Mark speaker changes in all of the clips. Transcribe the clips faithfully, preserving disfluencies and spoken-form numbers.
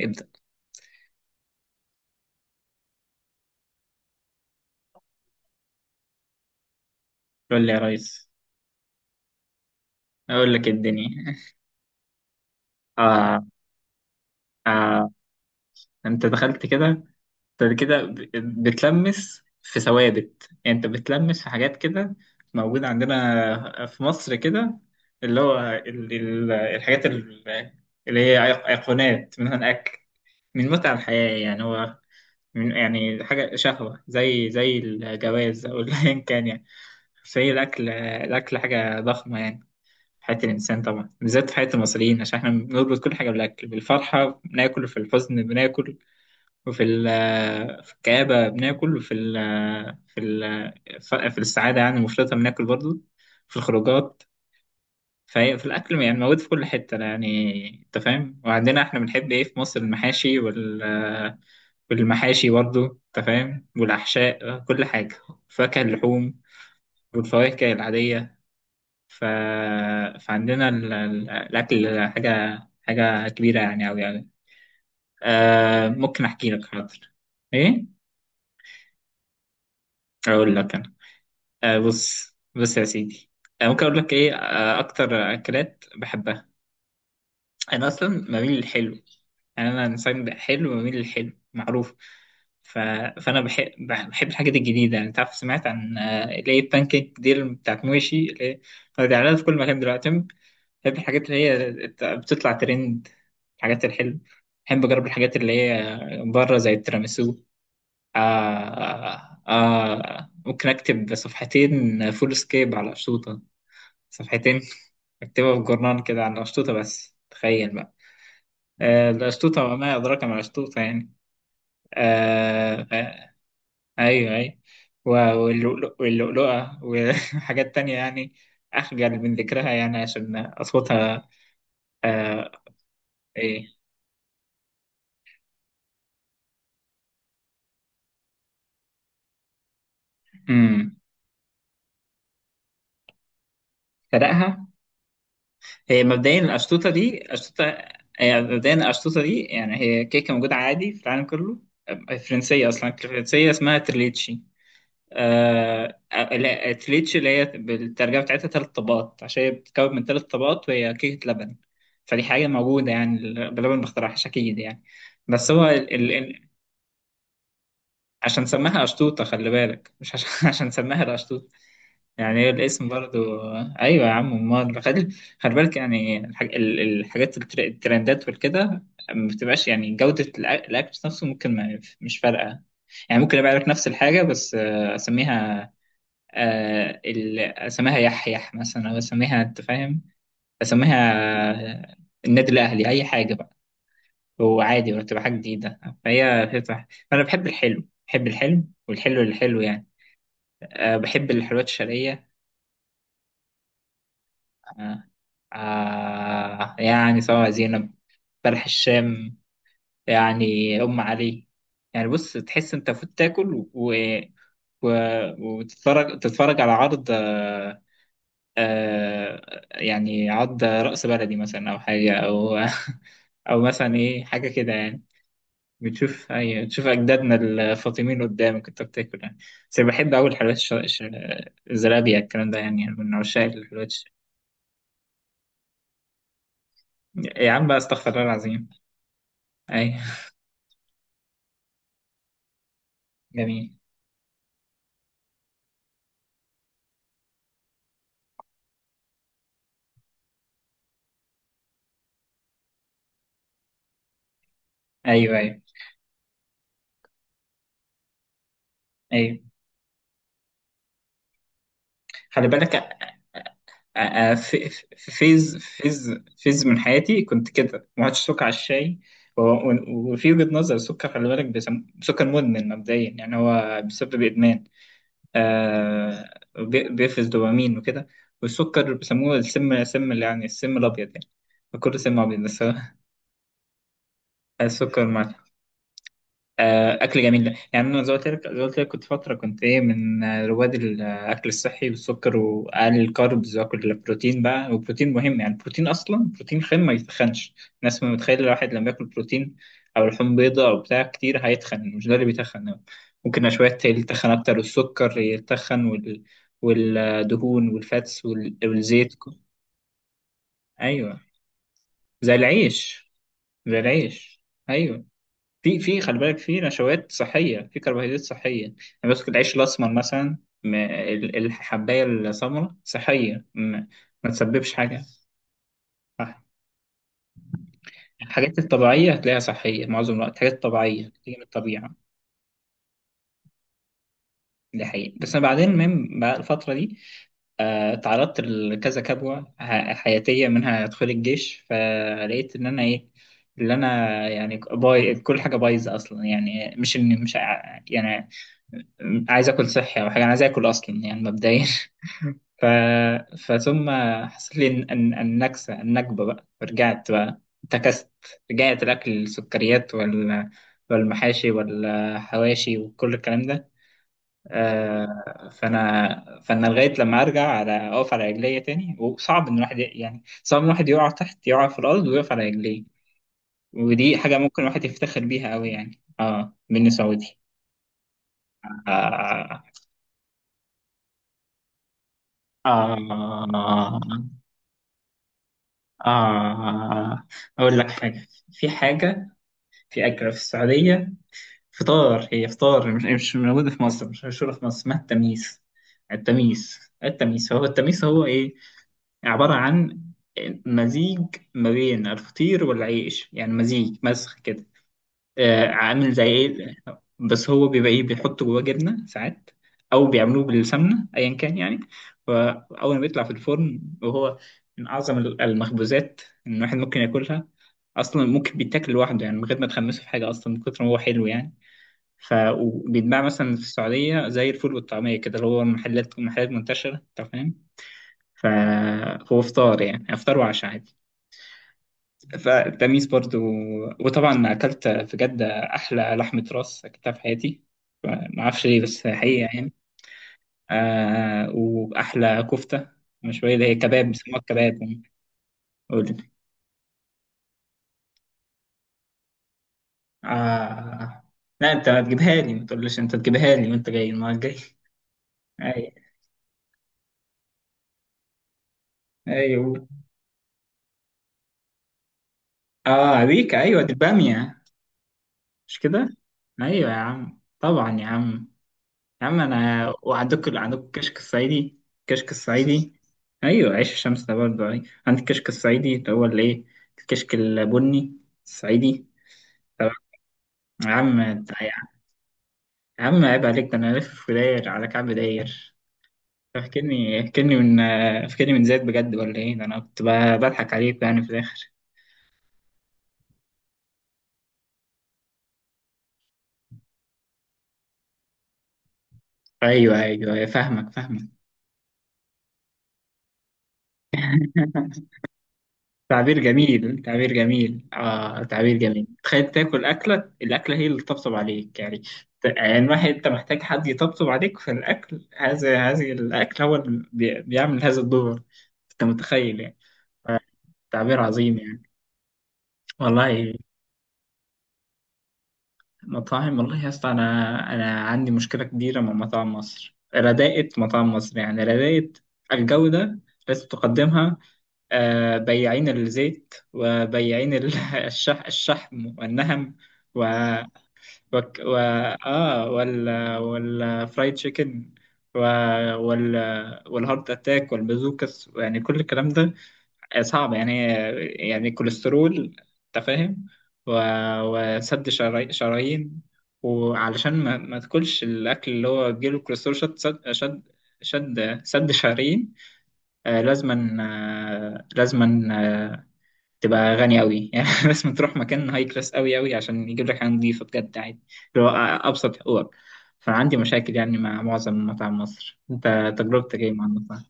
Speaker 1: ابدأ. قول لي يا ريس. أقول لك الدنيا آه آه، أنت دخلت كده، أنت كده ب- بتلمس في ثوابت، يعني أنت بتلمس في حاجات كده موجودة عندنا في مصر كده، اللي هو ال- ال- الحاجات ال- اللي هي أي- أيقونات، منها أكل من متع الحياة، يعني هو من يعني حاجة شهوة، زي زي الجواز أو أيا كان، يعني زي الأكل. الأكل حاجة ضخمة يعني حياة الإنسان، طبعا بالذات في حياة المصريين، عشان إحنا بنربط كل حاجة بالأكل، بالفرحة بناكل، في الحزن بناكل، وفي ال- في الكآبة بناكل، وفي ال في ال في السعادة يعني المفرطة بناكل برضو، في الخروجات. فهي في الأكل يعني موجود في كل حتة، يعني أنت فاهم، وعندنا إحنا بنحب إيه في مصر؟ المحاشي وال والمحاشي برضو، أنت فاهم، والأحشاء، كل حاجة، فاكهة اللحوم والفواكه العادية. ف... فعندنا ال... ال- الأكل حاجة، حاجة كبيرة يعني أوي يعني. آه ممكن أحكي لك، حاضر. إيه؟ أقول لك أنا، آه بص بص يا سيدي، آه ممكن أقول لك إيه آه أكتر أكلات بحبها. أنا أصلا بميل للحلو، يعني أنا إنسان حلو، بميل للحلو، معروف. ف... فأنا بحب بحب الحاجات الجديدة، يعني أنت عارف، سمعت عن آه، اللي هي البانكيك دي اللي بتاعت موشي، اللي هي بتعملها في كل مكان دلوقتي. بحب الحاجات اللي هي بتطلع ترند، الحاجات الحلوة. بحب أجرب الحاجات اللي هي بره، زي التيراميسو. آه آه آه، ممكن أكتب صفحتين فول سكيب على أشطوطة. صفحتين أكتبها في جورنال كده عن الأشطوطة، بس تخيل بقى. آه، الأشطوطة وما أدراك ما الأشطوطة يعني. آه آه. أيوه أيوه. و- واللؤلؤ- واللؤلؤة وحاجات تانية، يعني أخجل من ذكرها يعني عشان أصواتها. آه. إيه؟ فرقها. هي مبدئيا الأشطوطة دي أشطوطة. هي مبدئيا الأشطوطة دي يعني هي كيكة موجودة عادي في العالم كله. فرنسية، أصلا فرنسية، اسمها تريليتشي. آه... لا، تريليتشي اللي هي بالترجمة بتاعتها تلات طبقات، عشان هي بتتكون من تلات طبقات، وهي كيكة لبن. فدي حاجة موجودة يعني، ال- بلبن ما اخترعهاش أكيد يعني. بس هو ال... ال... ال- عشان سماها أشطوطة، خلي بالك، مش عشان عشان سماها الأشطوطة. يعني هي الاسم برضو، ايوه يا عم، امال خلي، خلي بالك يعني الحاج... ال- الحاجات التر- الترندات والكده ما بتبقاش يعني جودة الأ- الاكل نفسه، ممكن ما مش فارقة، يعني ممكن ابيع لك نفس الحاجة بس آه، اسميها آه، ال... اسميها يحيح مثلا، او اسميها، انت فاهم، اسميها آه، النادي الاهلي، اي حاجة بقى، هو عادي، ولا تبقى حاجة جديدة، فهي فهي صح. فانا بحب الحلو، بحب الحلو والحلو اللي حلو يعني. آه، بحب الحلويات الشرقية. آه. آه. يعني سواء زينب، بلح الشام يعني، أم علي يعني، بص تحس أنت فوت تاكل و... و... وتتفرج، تتفرج على عرض آه... آه... يعني عرض رأس بلدي مثلا أو حاجة، أو أو مثلا إيه، حاجة كده يعني، بتشوف أي بتشوف أجدادنا الفاطميين قدامك أنت بتاكل يعني. بس أنا بحب أوي الحلويات الش... الش... الزلابية، الكلام ده يعني، يعني من عشاق الحلويات الش- يا عم بقى، استغفر الله العظيم. أي جميل. ايوه ايوه ايوه. خلي بالك أ- أ- في في فيز فيز فيز من حياتي كنت كده، ما عادش سكر على الشاي. و- و- وفي وجهة نظر السكر، خلي بالك، بيسم- سكر مدمن مبدئيا، يعني هو بيسبب ادمان. آه. بي- بيفرز دوبامين وكده، والسكر بيسموه السم، سم اللي يعني السم الابيض يعني، كله سم ابيض بس هو السكر مع آه، اكل جميل ده. يعني انا زي ما قلت لك، زي ما قلت لك كنت فتره كنت ايه من آه، رواد الاكل الصحي، والسكر واقل الكاربز، واكل البروتين بقى، والبروتين مهم يعني. البروتين اصلا بروتين خام ما يتخنش. الناس ما متخيله الواحد لما ياكل بروتين او لحوم بيضاء او بتاع كتير هيتخن. مش ده اللي بيتخن، ممكن شويه يتخن اكتر، والسكر يتخن وال... والدهون والفاتس وال... والزيت. ايوه. زي العيش. زي العيش. أيوه. في في خلي بالك، في نشويات صحية، في كربوهيدرات صحية يعني، بس العيش الأسمر مثلا، م- ال- الحباية السمراء صحية، م- ما تسببش حاجة. صح. الحاجات الطبيعية هتلاقيها صحية معظم الوقت، حاجات طبيعية بتيجي من الطبيعة. دي حقيقة. بس بعدين من بقى الفترة دي، آه، تعرضت لكذا كبوة ح- حياتية، منها أدخل الجيش، فلقيت إن أنا إيه اللي أنا يعني باي كل حاجة بايظة أصلا، يعني مش إني مش ع- يعني عايز آكل صحي أو حاجة، أنا عايز آكل أصلا يعني مبدئيا ف... فثم، حصل لي الن- الن- النكسة النكبة بقى، فرجعت بقى، انتكست، رجعت الأكل، السكريات وال... والمحاشي والحواشي وكل الكلام ده. آه، فانا فانا لغايه لما ارجع، على اقف على رجليا تاني. وصعب ان الواحد ي- يعني، صعب ان الواحد يقع تحت، يقع في الارض ويقف على رجليه. ودي حاجه ممكن الواحد يفتخر بيها قوي يعني، اه، مني سعودي. آه آه آه آه. أقول لك حاجة، في حاجة، في أكلة في السعودية، فطار، هي فطار، مش مش موجودة في مصر، مش مشهورة في مصر، اسمها التميس التميس التميس، هو التميس هو إيه؟ عبارة عن مزيج ما بين الفطير والعيش، يعني مزيج مسخ كده، آه، عامل زي ايه، بس هو بيبقى ايه، بيحط جواه جبنة ساعات، او بيعملوه بالسمنة، ايا كان يعني. فاول ما بيطلع في الفرن، وهو من اعظم ال- المخبوزات، ان الواحد ممكن ياكلها، اصلا ممكن بيتاكل لوحده، يعني من غير ما تخمسه في حاجة اصلا، من كتر ما هو حلو يعني. ف وبيتباع مثلا في السعودية زي الفول والطعمية كده، اللي هو محلات، محلات منتشرة، انت فاهم. ف... وفطار يعني، افطار وعشاء عادي. فالتميس برضو. وطبعا اكلت في جدة احلى لحمة راس اكلتها في حياتي، ما اعرفش ليه، بس حقيقة يعني. آه واحلى كفتة مشوية، اللي هي كباب، بيسموها كباب. قول لي. آه لا، انت ما تجيبها لي، ما تقولش، انت تجيبها لي وانت جاي المرة الجاية. ايوه ايوه. اه عليك، ايوه، دي البامية، مش كده؟ ايوه يا عم، طبعا يا عم، يا عم انا. وعندك، عندك الكشك الصعيدي، الكشك الصعيدي. ايوه، عيش الشمس ده برضه. ايوه، عندك الكشك الصعيدي، اللي هو الايه، الكشك البني الصعيدي. طبعا يا عم انت- يا عم، عيب عليك، ده انا لف في داير على كعب داير. فاكرني فاكرني من فاكرني من زيت بجد ولا ايه؟ ده انا كنت ب- بضحك عليك يعني في الاخر. ايوه ايوه أيوه، فاهمك فاهمك. تعبير جميل، تعبير جميل، آه تعبير جميل. تخيل تاكل أكلة، الأكلة هي اللي تطبطب عليك يعني، ت- يعني واحد أنت محتاج حد يطبطب عليك في الأكل، هذا هذه الأكل هو اللي بي- بيعمل هذا الدور، أنت متخيل يعني. تعبير عظيم يعني. والله. مطاعم، والله يا اسطى، أنا أنا عندي مشكلة كبيرة مع مطاعم مصر، رداءة مطاعم مصر، يعني رداءة الجودة، لازم تقدمها آه، بياعين الزيت، وبياعين ال- الشح الشحم والنهم، و وك- و اه وال والفرايد تشيكن، و... وال والهارت اتاك والبازوكس، يعني كل الكلام ده صعب يعني، يعني كوليسترول، انت فاهم، و... وسد شراي... شرايين. وعلشان ما, ما تاكلش الاكل اللي هو بيجيله كوليسترول، شد شد شد شد, شد شرايين. آه لازما، آه لازما آه، تبقى غني قوي يعني، لازم تروح مكان هاي كلاس قوي قوي، عشان يجيب لك حاجه نظيفه بجد عادي، اللي هو ابسط حقوقك. فعندي مشاكل يعني مع معظم مطاعم مصر، انت تجربتك ايه مع المطاعم؟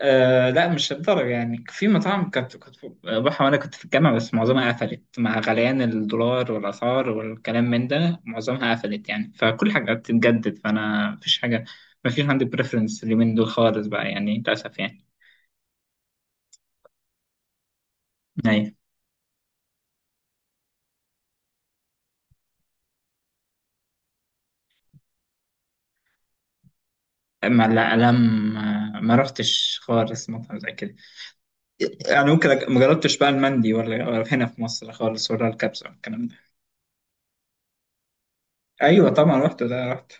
Speaker 1: أه لا مش للدرجه يعني، في مطاعم كانت، كنت بروحها وانا كنت في الجامعه، بس معظمها قفلت مع غليان الدولار والاسعار والكلام من ده، معظمها قفلت يعني، فكل حاجه بتتجدد، فانا مفيش حاجه، مفيش عندي بريفرنس اليومين دول خالص بقى يعني، للاسف يعني. أيوة. ما لا لا ما ما رحتش خالص مطعم زي كده، يعني ممكن أك- ما جربتش بقى المندي، ولا ولا هنا في مصر خالص، ولا الكبسة والكلام ده. ايوه طبعا رحت، ده رحت.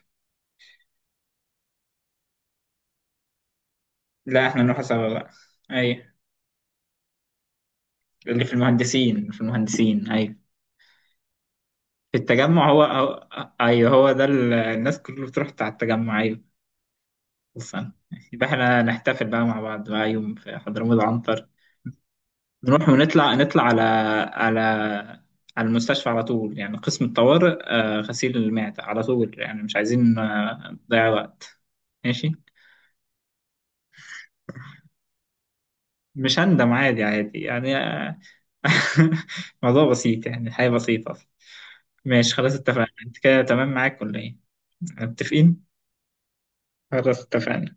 Speaker 1: لا احنا نروح سوا بقى. ايوه. اللي في المهندسين، في المهندسين ايوه. في التجمع، هو, هو ايوه، هو ده ال- الناس كلها بتروح على التجمع، ايوه، خصوصا. يبقى احنا نحتفل بقى مع بعض بقى يوم في حضرموت عنتر. نروح ونطلع، نطلع على على على المستشفى على طول يعني، قسم الطوارئ آه، غسيل المعدة على طول يعني، مش عايزين آه، نضيع وقت. ماشي. مش هندم، عادي عادي يعني آه، موضوع بسيط يعني، الحياة بسيطة. ماشي خلاص، اتفقنا، انت كده تمام معاك ولا ايه؟ متفقين. خلاص اتفقنا.